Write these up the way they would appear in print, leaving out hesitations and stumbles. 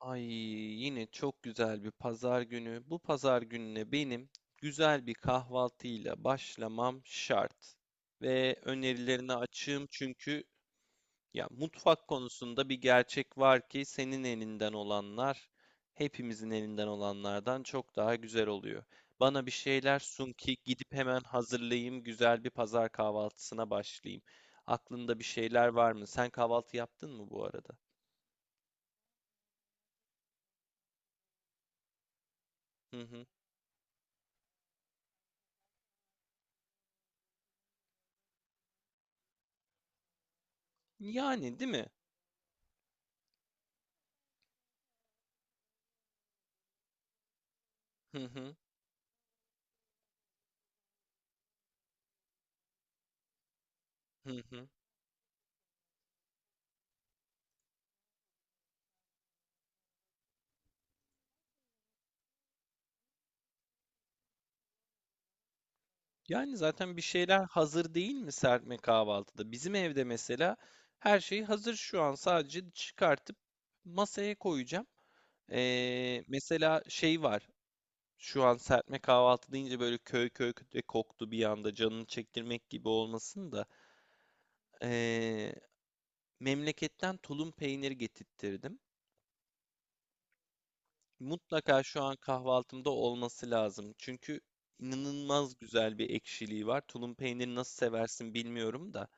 Ay yine çok güzel bir pazar günü. Bu pazar gününe benim güzel bir kahvaltıyla başlamam şart. Ve önerilerine açığım çünkü ya mutfak konusunda bir gerçek var ki senin elinden olanlar hepimizin elinden olanlardan çok daha güzel oluyor. Bana bir şeyler sun ki gidip hemen hazırlayayım, güzel bir pazar kahvaltısına başlayayım. Aklında bir şeyler var mı? Sen kahvaltı yaptın mı bu arada? Hı hı. Yani değil mi? Hı hı. Hı hı. Yani zaten bir şeyler hazır değil mi serpme kahvaltıda? Bizim evde mesela her şey hazır, şu an sadece çıkartıp masaya koyacağım. Mesela şey var şu an. Serpme kahvaltı deyince böyle köy köy köy koktu bir anda, canını çektirmek gibi olmasın da ee, memleketten tulum peyniri getirttirdim. Mutlaka şu an kahvaltımda olması lazım. Çünkü inanılmaz güzel bir ekşiliği var. Tulum peyniri nasıl seversin bilmiyorum da.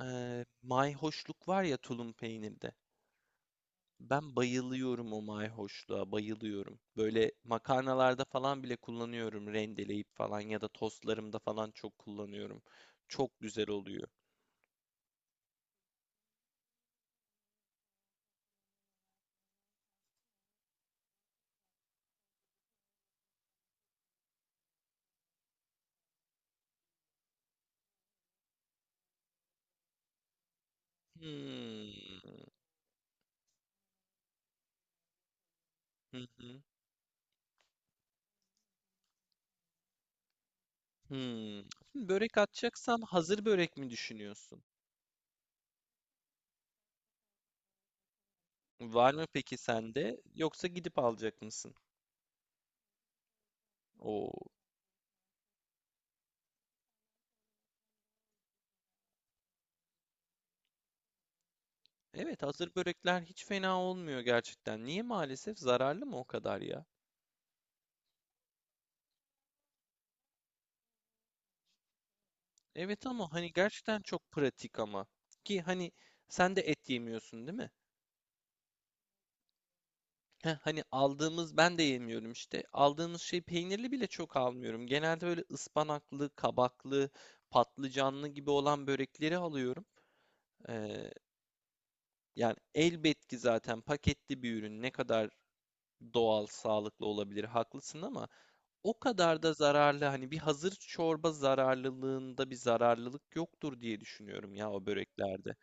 Mayhoşluk var ya tulum peynirde. Ben bayılıyorum o mayhoşluğa, bayılıyorum. Böyle makarnalarda falan bile kullanıyorum, rendeleyip falan ya da tostlarımda falan çok kullanıyorum. Çok güzel oluyor. Hmm. Hı hı. Hmm. Şimdi börek atacaksam, hazır börek mi düşünüyorsun? Var mı peki sende? Yoksa gidip alacak mısın? Oo. Evet, hazır börekler hiç fena olmuyor gerçekten. Niye maalesef, zararlı mı o kadar ya? Evet, ama hani gerçekten çok pratik ama. Ki hani sen de et yemiyorsun değil mi? Heh, hani aldığımız, ben de yemiyorum işte. Aldığımız şey peynirli bile çok almıyorum. Genelde böyle ıspanaklı, kabaklı, patlıcanlı gibi olan börekleri alıyorum. Ee, Yani elbet ki zaten paketli bir ürün ne kadar doğal, sağlıklı olabilir, haklısın ama o kadar da zararlı, hani bir hazır çorba zararlılığında bir zararlılık yoktur diye düşünüyorum ya o böreklerde.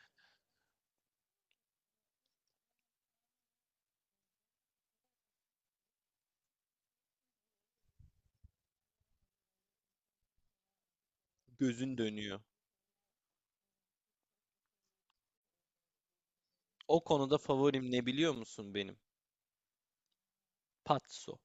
Gözün dönüyor. O konuda favorim ne biliyor musun benim? Patso.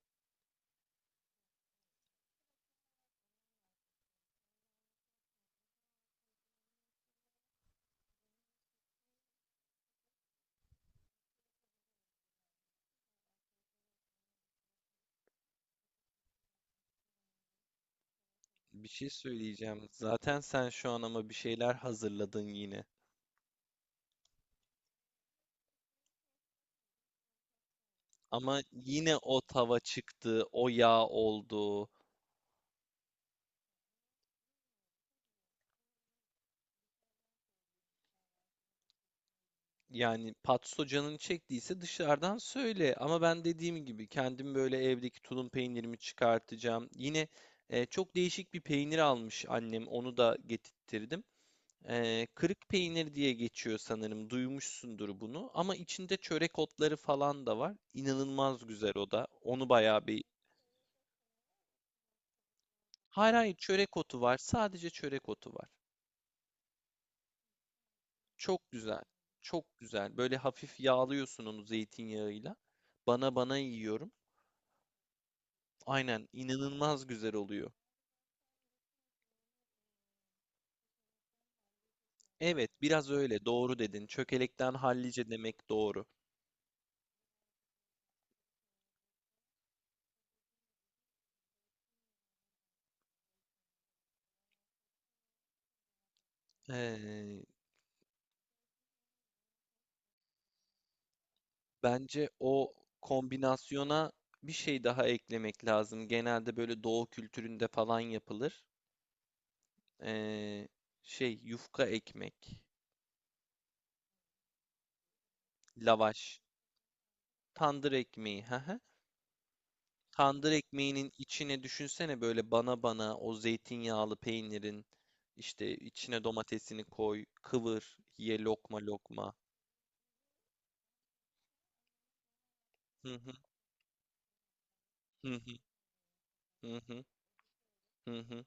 Bir şey söyleyeceğim. Zaten sen şu an ama bir şeyler hazırladın yine. Ama yine o tava çıktı, o yağ oldu. Yani patso canını çektiyse dışarıdan söyle. Ama ben dediğim gibi kendim böyle evdeki tulum peynirimi çıkartacağım. Yine çok değişik bir peynir almış annem. Onu da getirttirdim. Kırık peynir diye geçiyor sanırım. Duymuşsundur bunu. Ama içinde çörek otları falan da var. İnanılmaz güzel o da. Onu bayağı bir... Hayır hayır, çörek otu var. Sadece çörek otu var. Çok güzel. Çok güzel. Böyle hafif yağlıyorsun onu zeytinyağıyla. Bana bana yiyorum. Aynen, inanılmaz güzel oluyor. Evet, biraz öyle. Doğru dedin. Çökelekten hallice demek doğru. Ee, Bence o kombinasyona bir şey daha eklemek lazım. Genelde böyle doğu kültüründe falan yapılır. Ee, Yufka ekmek, lavaş, tandır ekmeği. Hı hı. Tandır ekmeğinin içine düşünsene böyle bana bana, o zeytinyağlı peynirin işte içine domatesini koy, kıvır, ye lokma lokma. Hı hı, hı hı, hı hı. Hı hı.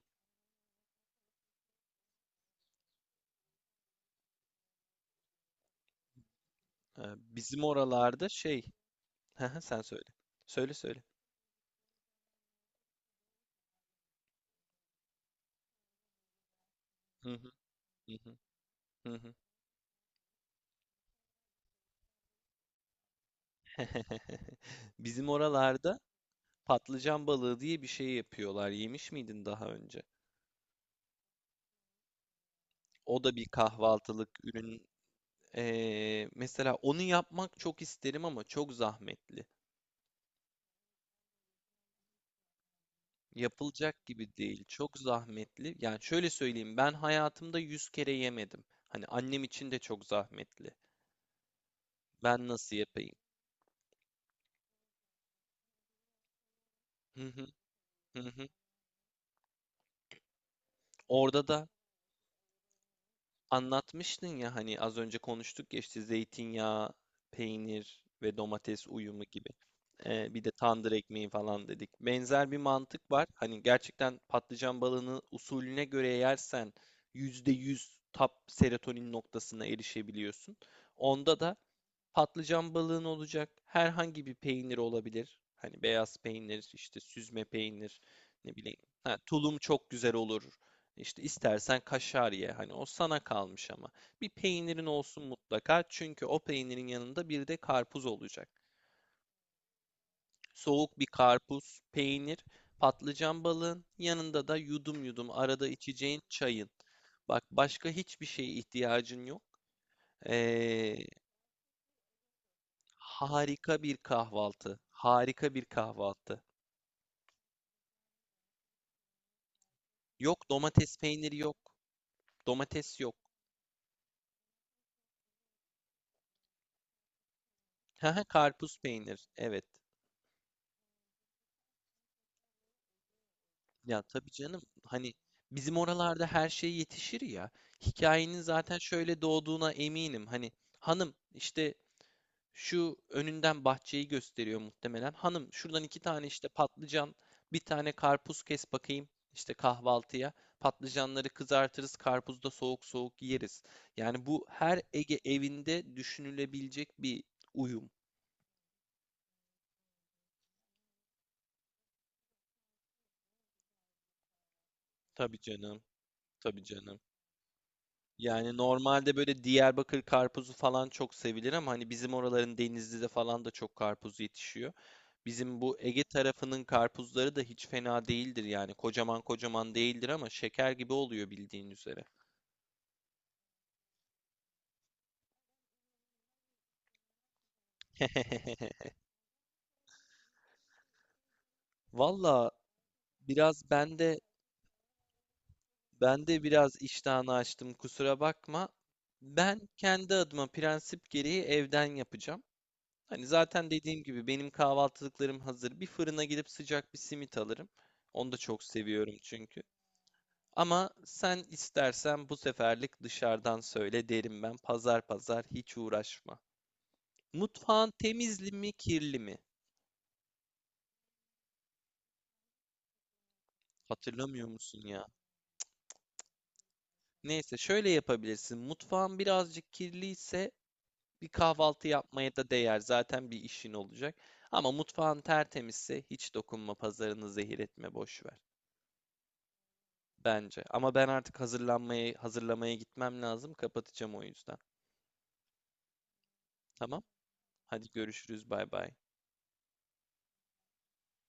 Bizim oralarda hı hı, sen söyle. Söyle söyle. Hı hı, hı hı. Hı hı. Bizim oralarda patlıcan balığı diye bir şey yapıyorlar. Yemiş miydin daha önce? O da bir kahvaltılık ürün. Mesela onu yapmak çok isterim ama çok zahmetli. Yapılacak gibi değil. Çok zahmetli. Yani şöyle söyleyeyim, ben hayatımda 100 kere yemedim. Hani annem için de çok zahmetli. Ben nasıl yapayım? Hı hı, hı hı. Orada da anlatmıştın ya, hani az önce konuştuk ya, işte zeytinyağı, peynir ve domates uyumu gibi. Bir de tandır ekmeği falan dedik. Benzer bir mantık var. Hani gerçekten patlıcan balığını usulüne göre yersen 100% tap serotonin noktasına erişebiliyorsun. Onda da patlıcan balığın olacak. Herhangi bir peynir olabilir. Hani beyaz peynir, işte süzme peynir, ne bileyim. Ha, tulum çok güzel olur. İşte istersen kaşar ye. Hani o sana kalmış ama. Bir peynirin olsun mutlaka. Çünkü o peynirin yanında bir de karpuz olacak. Soğuk bir karpuz, peynir, patlıcan balığın yanında da yudum yudum arada içeceğin çayın. Bak, başka hiçbir şeye ihtiyacın yok. Ee, Harika bir kahvaltı. Harika bir kahvaltı. Yok, domates peyniri yok. Domates yok. Haha, karpuz peynir. Evet. Ya tabii canım. Hani bizim oralarda her şey yetişir ya. Hikayenin zaten şöyle doğduğuna eminim. Hani hanım işte, şu önünden bahçeyi gösteriyor muhtemelen: hanım şuradan iki tane işte patlıcan, bir tane karpuz kes bakayım işte kahvaltıya. Patlıcanları kızartırız, karpuzu da soğuk soğuk yeriz. Yani bu her Ege evinde düşünülebilecek bir uyum. Tabii canım. Tabii canım. Yani normalde böyle Diyarbakır karpuzu falan çok sevilir ama hani bizim oraların Denizli'de falan da çok karpuz yetişiyor. Bizim bu Ege tarafının karpuzları da hiç fena değildir yani. Kocaman kocaman değildir ama şeker gibi oluyor, bildiğin üzere. Valla biraz ben de, ben de biraz iştahını açtım, kusura bakma. Ben kendi adıma prensip gereği evden yapacağım. Hani zaten dediğim gibi benim kahvaltılıklarım hazır. Bir fırına gidip sıcak bir simit alırım. Onu da çok seviyorum çünkü. Ama sen istersen bu seferlik dışarıdan söyle derim ben. Pazar pazar hiç uğraşma. Mutfağın temizli mi, kirli mi? Hatırlamıyor musun ya? Neyse, şöyle yapabilirsin. Mutfağın birazcık kirliyse bir kahvaltı yapmaya da değer. Zaten bir işin olacak. Ama mutfağın tertemizse hiç dokunma, pazarını zehir etme, boş ver. Bence. Ama ben artık hazırlanmaya, hazırlamaya gitmem lazım. Kapatacağım o yüzden. Tamam. Hadi görüşürüz. Bay bay.